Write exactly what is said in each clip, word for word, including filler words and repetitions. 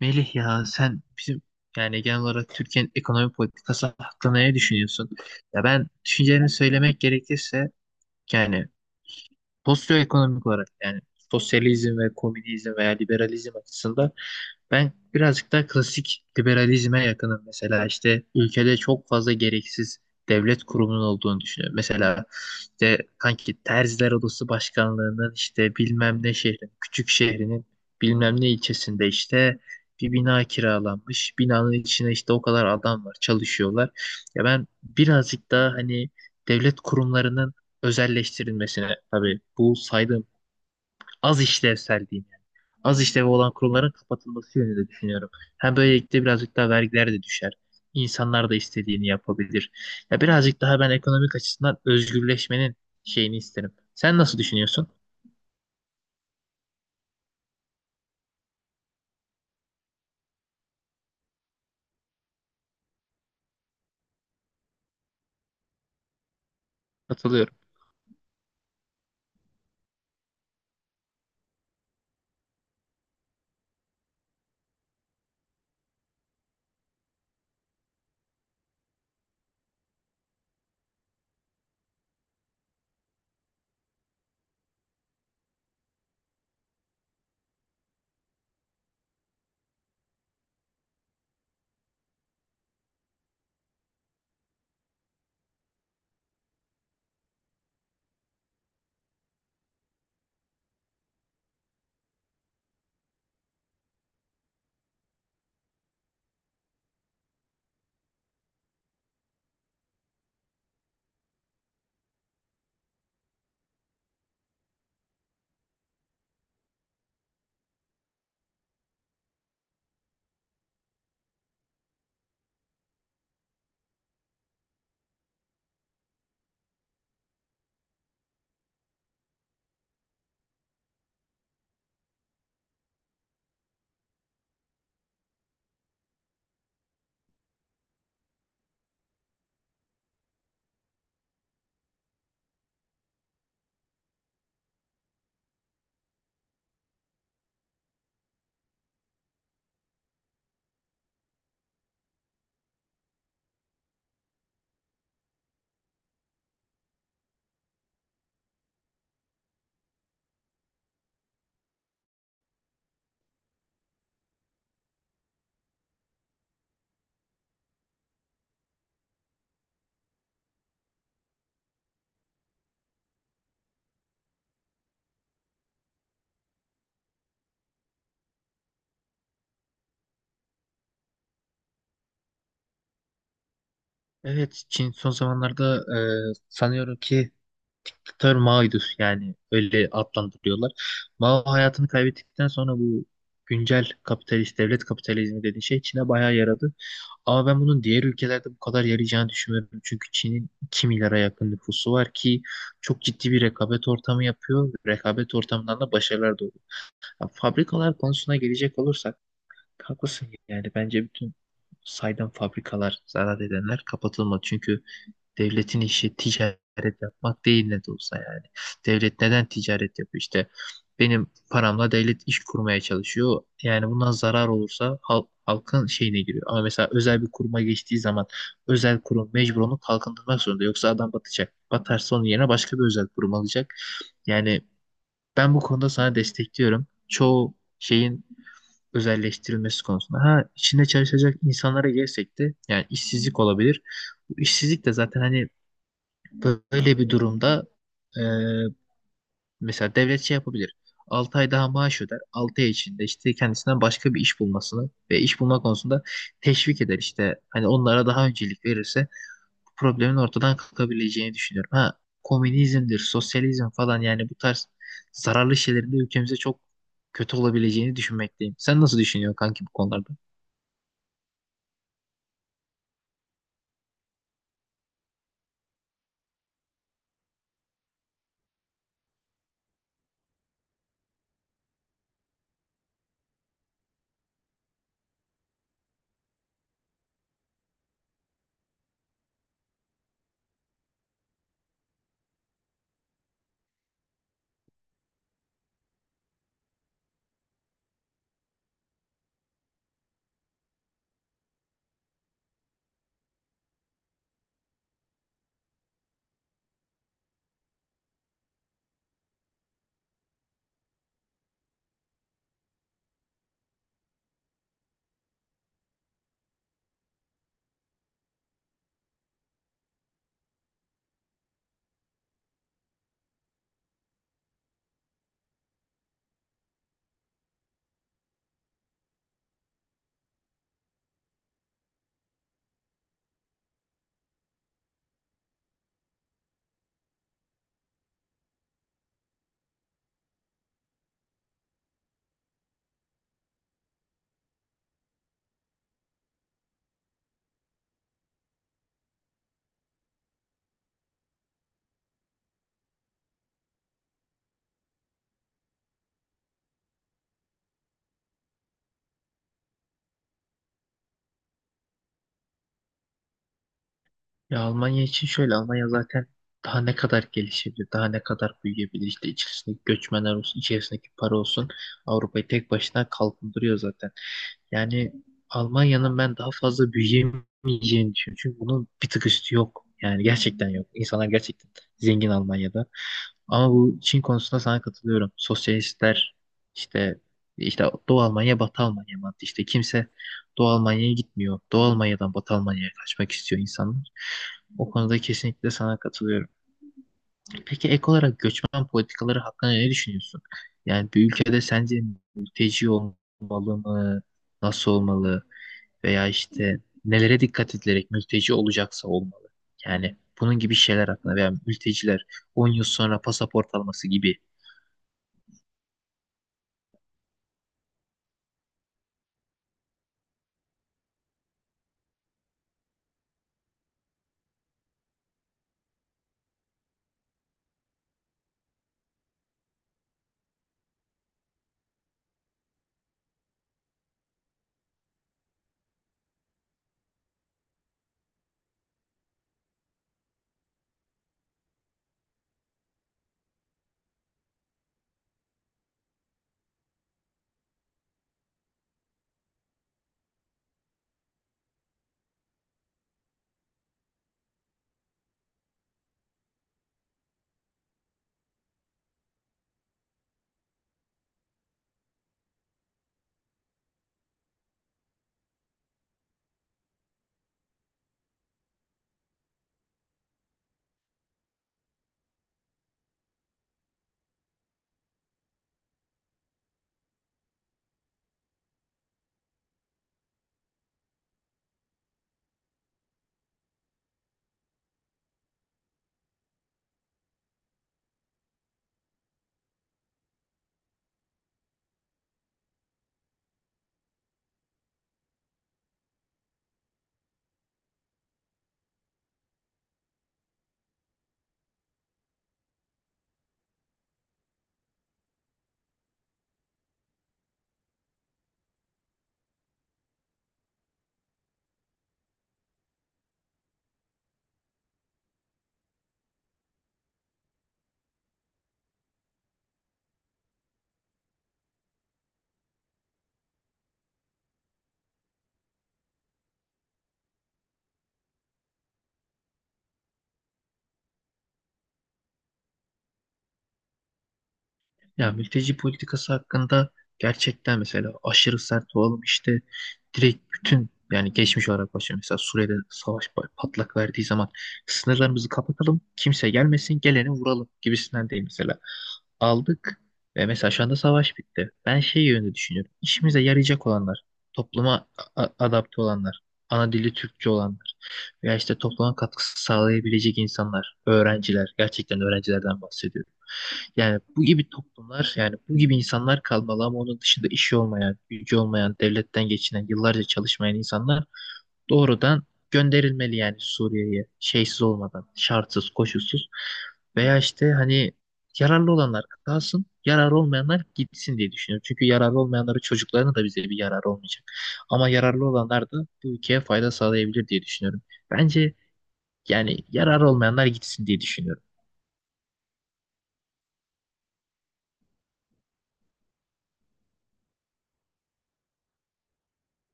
Melih, ya sen bizim yani genel olarak Türkiye'nin ekonomi politikası hakkında ne düşünüyorsun? Ya ben düşüncelerimi söylemek gerekirse yani sosyoekonomik olarak, yani sosyalizm ve komünizm veya liberalizm açısından ben birazcık daha klasik liberalizme yakınım. Mesela işte ülkede çok fazla gereksiz devlet kurumunun olduğunu düşünüyorum. Mesela işte kanki Terziler Odası Başkanlığı'nın işte bilmem ne şehrin, küçük şehrinin bilmem ne ilçesinde işte bir bina kiralanmış. Binanın içine işte o kadar adam var, çalışıyorlar. Ya ben birazcık daha hani devlet kurumlarının özelleştirilmesine, tabii bu saydığım az işlevsel diyeyim, az işlevi olan kurumların kapatılması yönünde düşünüyorum. Hem böylelikle birazcık daha vergiler de düşer. İnsanlar da istediğini yapabilir. Ya birazcık daha ben ekonomik açısından özgürleşmenin şeyini isterim. Sen nasıl düşünüyorsun? Katılıyorum. Evet, Çin son zamanlarda e, sanıyorum ki diktatör Mao'ydu, yani öyle adlandırıyorlar. Mao hayatını kaybettikten sonra bu güncel kapitalist devlet kapitalizmi dediği şey Çin'e bayağı yaradı. Ama ben bunun diğer ülkelerde bu kadar yarayacağını düşünmüyorum. Çünkü Çin'in iki milyara yakın nüfusu var ki çok ciddi bir rekabet ortamı yapıyor. Rekabet ortamından da başarılar doğuyor. Ya fabrikalar konusuna gelecek olursak, haklısın, yani bence bütün saydam fabrikalar, zarar edenler kapatılmalı. Çünkü devletin işi ticaret yapmak değil ne de olsa yani. Devlet neden ticaret yapıyor işte? Benim paramla devlet iş kurmaya çalışıyor. Yani bundan zarar olursa halk, halkın şeyine giriyor. Ama mesela özel bir kuruma geçtiği zaman özel kurum mecbur onu kalkındırmak zorunda. Yoksa adam batacak. Batarsa onun yerine başka bir özel kurum alacak. Yani ben bu konuda sana destekliyorum. Çoğu şeyin özelleştirilmesi konusunda. Ha içinde çalışacak insanlara gelsek de, yani işsizlik olabilir. Bu işsizlik de zaten hani böyle bir durumda e, mesela devlet şey yapabilir. altı ay daha maaş öder. altı ay içinde işte kendisinden başka bir iş bulmasını ve iş bulma konusunda teşvik eder işte. Hani onlara daha öncelik verirse bu problemin ortadan kalkabileceğini düşünüyorum. Ha komünizmdir, sosyalizm falan, yani bu tarz zararlı şeylerin de ülkemize çok kötü olabileceğini düşünmekteyim. Sen nasıl düşünüyorsun kanki bu konularda? Ya Almanya için şöyle, Almanya zaten daha ne kadar gelişebilir, daha ne kadar büyüyebilir, işte içerisindeki göçmenler olsun, içerisindeki para olsun, Avrupa'yı tek başına kalkındırıyor zaten. Yani Almanya'nın ben daha fazla büyüyemeyeceğini düşünüyorum. Çünkü bunun bir tık üstü yok. Yani gerçekten yok. İnsanlar gerçekten zengin Almanya'da. Ama bu Çin konusunda sana katılıyorum. Sosyalistler işte, işte Doğu Almanya, Batı Almanya mantığı. İşte kimse Doğu Almanya'ya gitmiyor. Doğu Almanya'dan Batı Almanya'ya kaçmak istiyor insanlar. O konuda kesinlikle sana katılıyorum. Peki ek olarak göçmen politikaları hakkında ne düşünüyorsun? Yani bir ülkede sence mülteci olmalı mı? Nasıl olmalı? Veya işte nelere dikkat edilerek mülteci olacaksa olmalı? Yani bunun gibi şeyler hakkında, veya mülteciler on yıl sonra pasaport alması gibi. Ya mülteci politikası hakkında gerçekten, mesela aşırı sert olalım işte, direkt bütün, yani geçmiş olarak başlıyor. Mesela Suriye'de savaş pa- patlak verdiği zaman sınırlarımızı kapatalım, kimse gelmesin, geleni vuralım gibisinden değil mesela. Aldık ve mesela şu anda savaş bitti. Ben şey yönünde düşünüyorum. İşimize yarayacak olanlar, topluma a- a- adapte olanlar, ana dili Türkçe olanlar veya işte topluma katkısı sağlayabilecek insanlar, öğrenciler, gerçekten öğrencilerden bahsediyorum. Yani bu gibi toplumlar, yani bu gibi insanlar kalmalı, ama onun dışında işi olmayan, gücü olmayan, devletten geçinen, yıllarca çalışmayan insanlar doğrudan gönderilmeli, yani Suriye'ye şeysiz olmadan, şartsız, koşulsuz. Veya işte hani yararlı olanlar kalsın, yararlı olmayanlar gitsin diye düşünüyorum. Çünkü yararlı olmayanları çocuklarına da bize bir yarar olmayacak. Ama yararlı olanlar da bu ülkeye fayda sağlayabilir diye düşünüyorum. Bence yani yararlı olmayanlar gitsin diye düşünüyorum.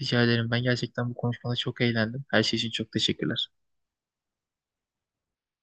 Rica ederim. Ben gerçekten bu konuşmada çok eğlendim. Her şey için çok teşekkürler.